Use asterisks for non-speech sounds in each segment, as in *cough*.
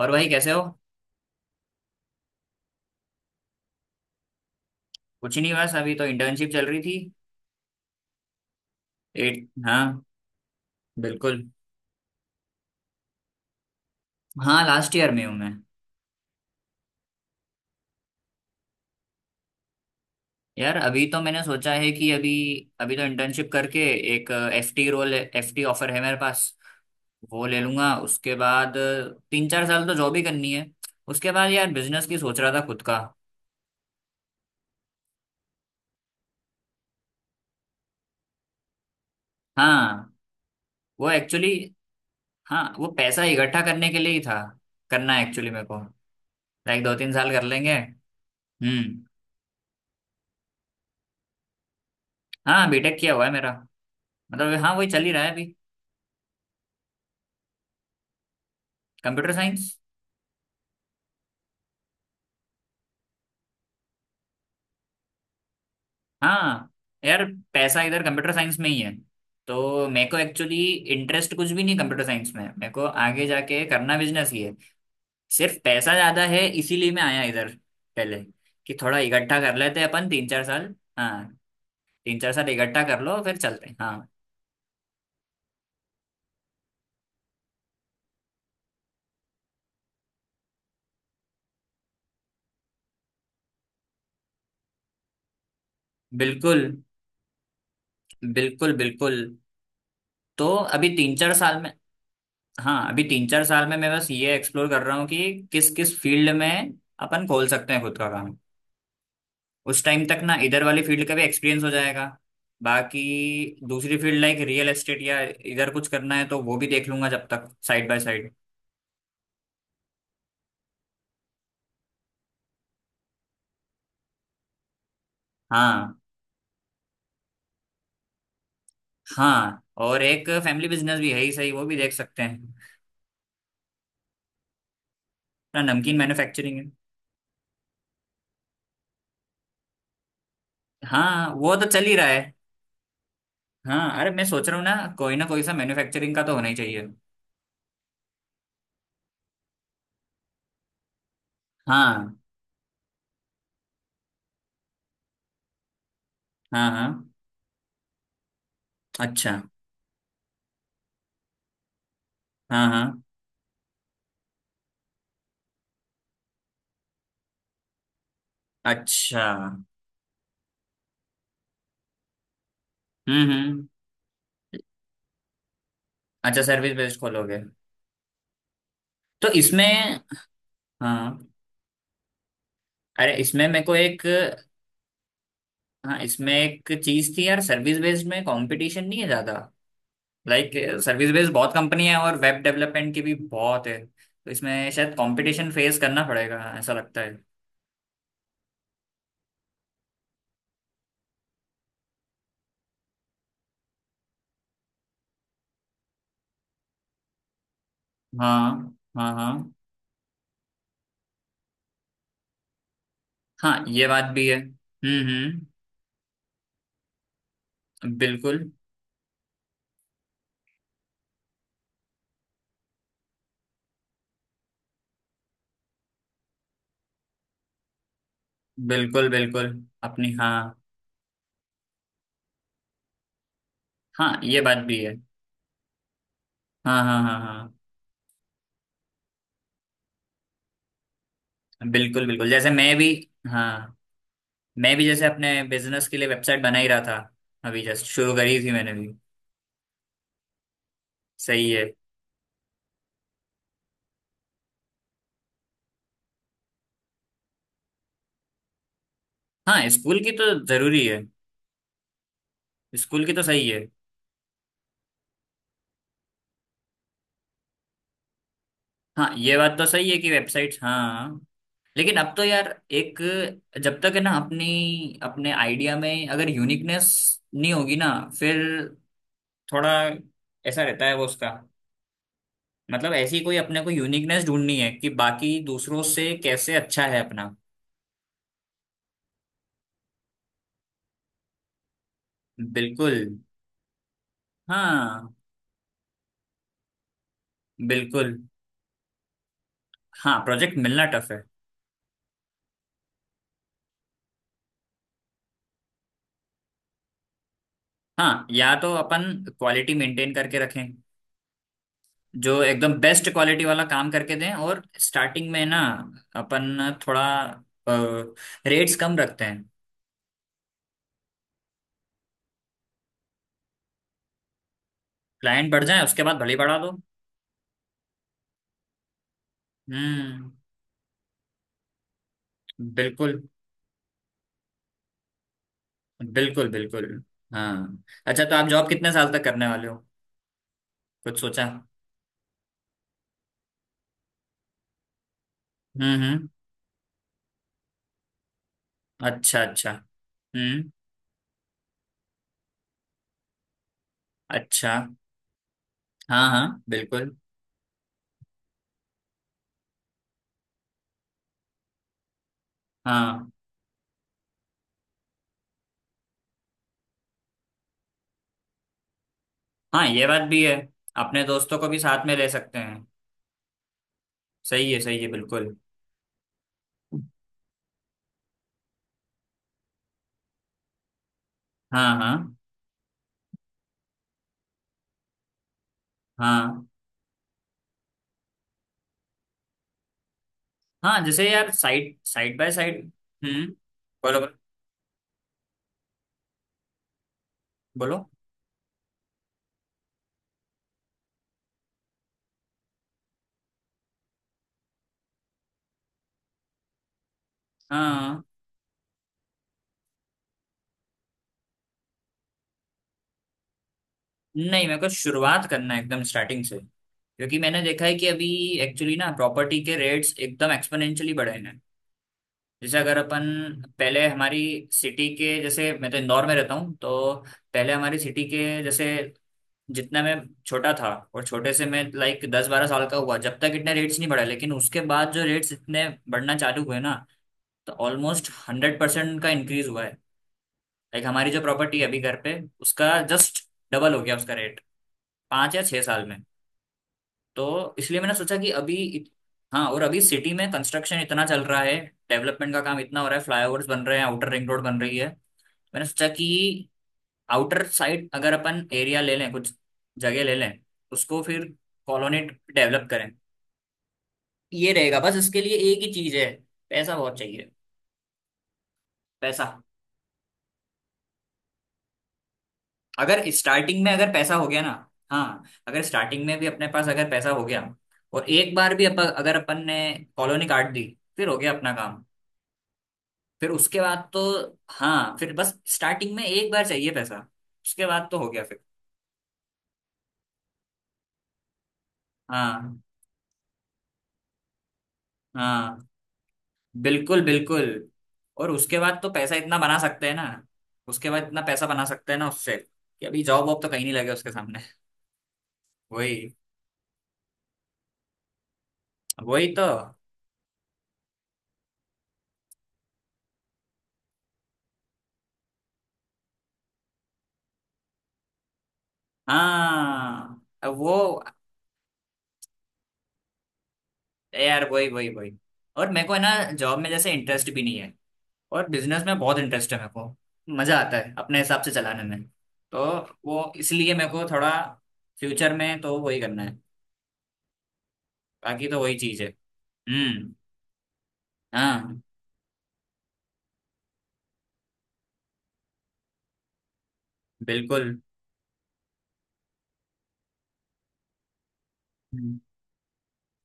और भाई कैसे हो? कुछ नहीं, बस अभी तो इंटर्नशिप चल रही थी। एट। हाँ बिल्कुल। हाँ लास्ट ईयर में हूँ मैं। यार अभी तो मैंने सोचा है कि अभी अभी तो इंटर्नशिप करके एक एफटी रोल एफटी ऑफर है मेरे पास, वो ले लूंगा। उसके बाद 3 4 साल तो जॉब ही करनी है। उसके बाद यार बिजनेस की सोच रहा था खुद का। हाँ। वो एक्चुअली हाँ वो पैसा इकट्ठा करने के लिए ही था। करना है एक्चुअली मेरे को। लाइक 2 3 साल कर लेंगे। हम्म। हाँ बीटेक किया हुआ है मेरा। मतलब हाँ वही चल ही रहा है अभी। Computer science. हाँ। यार पैसा इधर कंप्यूटर साइंस में ही है, तो मेरे को एक्चुअली इंटरेस्ट कुछ भी नहीं कंप्यूटर साइंस में। मेरे को आगे जाके करना बिजनेस ही है। सिर्फ पैसा ज्यादा है इसीलिए मैं आया इधर पहले, कि थोड़ा इकट्ठा कर लेते हैं अपन 3 4 साल। हाँ 3 4 साल इकट्ठा कर लो, फिर चलते हैं। हाँ बिल्कुल। बिल्कुल बिल्कुल। तो अभी 3 4 साल में, हाँ अभी 3 4 साल में मैं बस ये एक्सप्लोर कर रहा हूँ कि किस किस फील्ड में अपन खोल सकते हैं खुद का काम। उस टाइम तक ना इधर वाली फील्ड का भी एक्सपीरियंस हो जाएगा। बाकी दूसरी फील्ड लाइक रियल एस्टेट या इधर कुछ करना है तो वो भी देख लूंगा जब तक, साइड बाय साइड। हाँ। हाँ और एक फैमिली बिजनेस भी है ही सही, वो भी देख सकते हैं। ना नमकीन मैन्युफैक्चरिंग है। हाँ वो तो चल ही रहा है। हाँ अरे मैं सोच रहा हूँ ना, कोई ना कोई सा मैन्युफैक्चरिंग का तो होना ही चाहिए। हाँ हाँ हाँ। अच्छा। हाँ हाँ। अच्छा। हम्म। अच्छा सर्विस बेस्ड खोलोगे? तो इसमें, हाँ, अरे इसमें मेरे को एक, हाँ इसमें एक चीज थी यार, सर्विस बेस्ड में कंपटीशन नहीं है ज्यादा। लाइक सर्विस बेस्ड बहुत कंपनी है और वेब डेवलपमेंट की भी बहुत है, तो इसमें शायद कंपटीशन फेस करना पड़ेगा ऐसा लगता है। हाँ हाँ हाँ। हाँ ये बात भी है। हम्म। बिल्कुल। बिल्कुल बिल्कुल। अपनी हाँ। हाँ ये बात भी है। हाँ हाँ हाँ हाँ। बिल्कुल बिल्कुल जैसे मैं भी, हाँ मैं भी जैसे अपने बिजनेस के लिए वेबसाइट बना ही रहा था। अभी जस्ट शुरू करी थी मैंने भी। सही है। हाँ स्कूल की तो जरूरी है। स्कूल की तो सही है। हाँ ये बात तो सही है कि वेबसाइट्स, हाँ लेकिन अब तो यार, एक जब तक है ना अपनी, अपने आइडिया में अगर यूनिकनेस नहीं होगी ना, फिर थोड़ा ऐसा रहता है वो उसका। मतलब ऐसी कोई अपने को यूनिकनेस ढूंढनी है कि बाकी दूसरों से कैसे अच्छा है अपना। बिल्कुल। हाँ बिल्कुल। हाँ प्रोजेक्ट मिलना टफ है। हाँ या तो अपन क्वालिटी मेंटेन करके रखें। जो एकदम बेस्ट क्वालिटी वाला काम करके दें, और स्टार्टिंग में ना अपन थोड़ा रेट्स कम रखते हैं। क्लाइंट बढ़ जाए उसके बाद भले ही बढ़ा दो। हम्म। बिल्कुल बिल्कुल। बिल्कुल। हाँ। अच्छा तो आप जॉब कितने साल तक करने वाले हो? कुछ सोचा? हम्म। अच्छा अच्छा। हम्म। अच्छा। हाँ हाँ बिल्कुल। हाँ हाँ ये बात भी है। अपने दोस्तों को भी साथ में ले सकते हैं। सही है बिल्कुल। हाँ हाँ हाँ हाँ जैसे यार साइड साइड बाय साइड। हम्म। बोलो बोलो। बोलो। हाँ। नहीं, मेरे को शुरुआत करना है एकदम स्टार्टिंग से, क्योंकि मैंने देखा है कि अभी एक्चुअली ना प्रॉपर्टी के रेट्स एकदम एक्सपोनेंशियली बढ़े हैं। जैसे अगर अपन, पहले हमारी सिटी के जैसे, मैं तो इंदौर में रहता हूँ, तो पहले हमारी सिटी के जैसे, जितना मैं छोटा था और छोटे से, मैं लाइक 10 12 साल का हुआ जब तक इतने रेट्स नहीं बढ़े, लेकिन उसके बाद जो रेट्स इतने बढ़ना चालू हुए ना, तो ऑलमोस्ट 100% का इंक्रीज हुआ है। लाइक हमारी जो प्रॉपर्टी है अभी घर पे, उसका जस्ट डबल हो गया उसका रेट 5 या 6 साल में। तो इसलिए मैंने सोचा कि अभी हाँ, और अभी सिटी में कंस्ट्रक्शन इतना चल रहा है, डेवलपमेंट का काम इतना हो रहा है, फ्लाईओवर्स बन रहे हैं, आउटर रिंग रोड बन रही है। मैंने सोचा कि आउटर साइड अगर अपन एरिया ले लें, कुछ जगह ले लें, उसको फिर कॉलोनी डेवलप करें। ये रहेगा, बस इसके लिए एक ही चीज है, पैसा बहुत चाहिए। पैसा। अगर स्टार्टिंग में अगर पैसा हो गया ना, हाँ अगर स्टार्टिंग में भी अपने पास अगर पैसा हो गया, और एक बार भी अगर अपन ने कॉलोनी काट दी, फिर हो गया अपना काम। फिर उसके बाद तो, हाँ फिर बस स्टार्टिंग में एक बार चाहिए पैसा, उसके बाद तो हो गया फिर। हाँ हाँ बिल्कुल बिल्कुल। और उसके बाद तो पैसा इतना बना सकते हैं ना, उसके बाद इतना पैसा बना सकते हैं ना उससे, कि अभी जॉब वॉब तो कहीं नहीं लगे उसके सामने। वही। वही तो। हाँ अब वो, यार वही वही वही। और मेरे को है ना जॉब में जैसे इंटरेस्ट भी नहीं है, और बिजनेस में बहुत इंटरेस्ट है मेरे को। मजा आता है अपने हिसाब से चलाने में। तो वो इसलिए मेरे को थोड़ा, फ्यूचर में तो वही करना है। बाकी तो वही चीज है। हम्म। हाँ बिल्कुल। हम्म।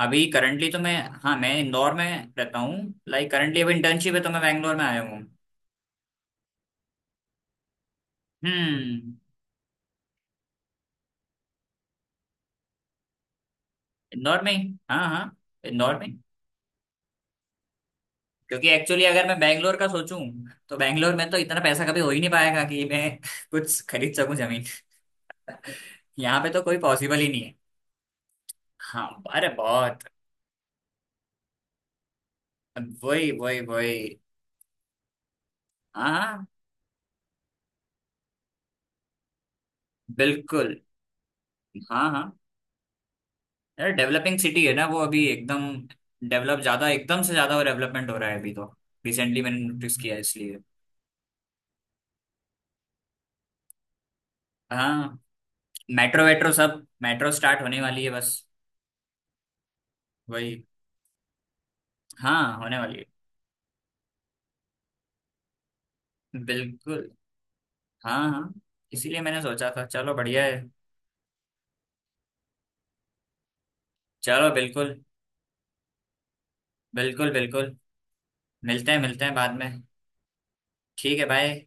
अभी करंटली तो मैं, हाँ मैं इंदौर में रहता हूँ। लाइक करंटली अभी इंटर्नशिप है तो मैं बैंगलोर में आया हूँ। हम्म इंदौर में ही। हाँ हाँ इंदौर में। क्योंकि एक्चुअली अगर मैं बैंगलोर का सोचूं, तो बैंगलोर में तो इतना पैसा कभी हो ही नहीं पाएगा कि मैं *laughs* कुछ खरीद सकूं जमीन। यहाँ पे तो कोई पॉसिबल ही नहीं है। हाँ अरे बहुत। वही वही वही। हाँ बिल्कुल। हाँ हाँ अरे डेवलपिंग सिटी है ना वो अभी एकदम, डेवलप ज्यादा एकदम से ज्यादा डेवलपमेंट हो रहा है अभी तो। रिसेंटली मैंने नोटिस किया है इसलिए। हाँ मेट्रो वेट्रो, सब मेट्रो स्टार्ट होने वाली है बस। वही। हाँ होने वाली है बिल्कुल। हाँ हाँ इसीलिए मैंने सोचा था, चलो बढ़िया है। चलो बिल्कुल। बिल्कुल बिल्कुल। मिलते हैं बाद में। ठीक है भाई।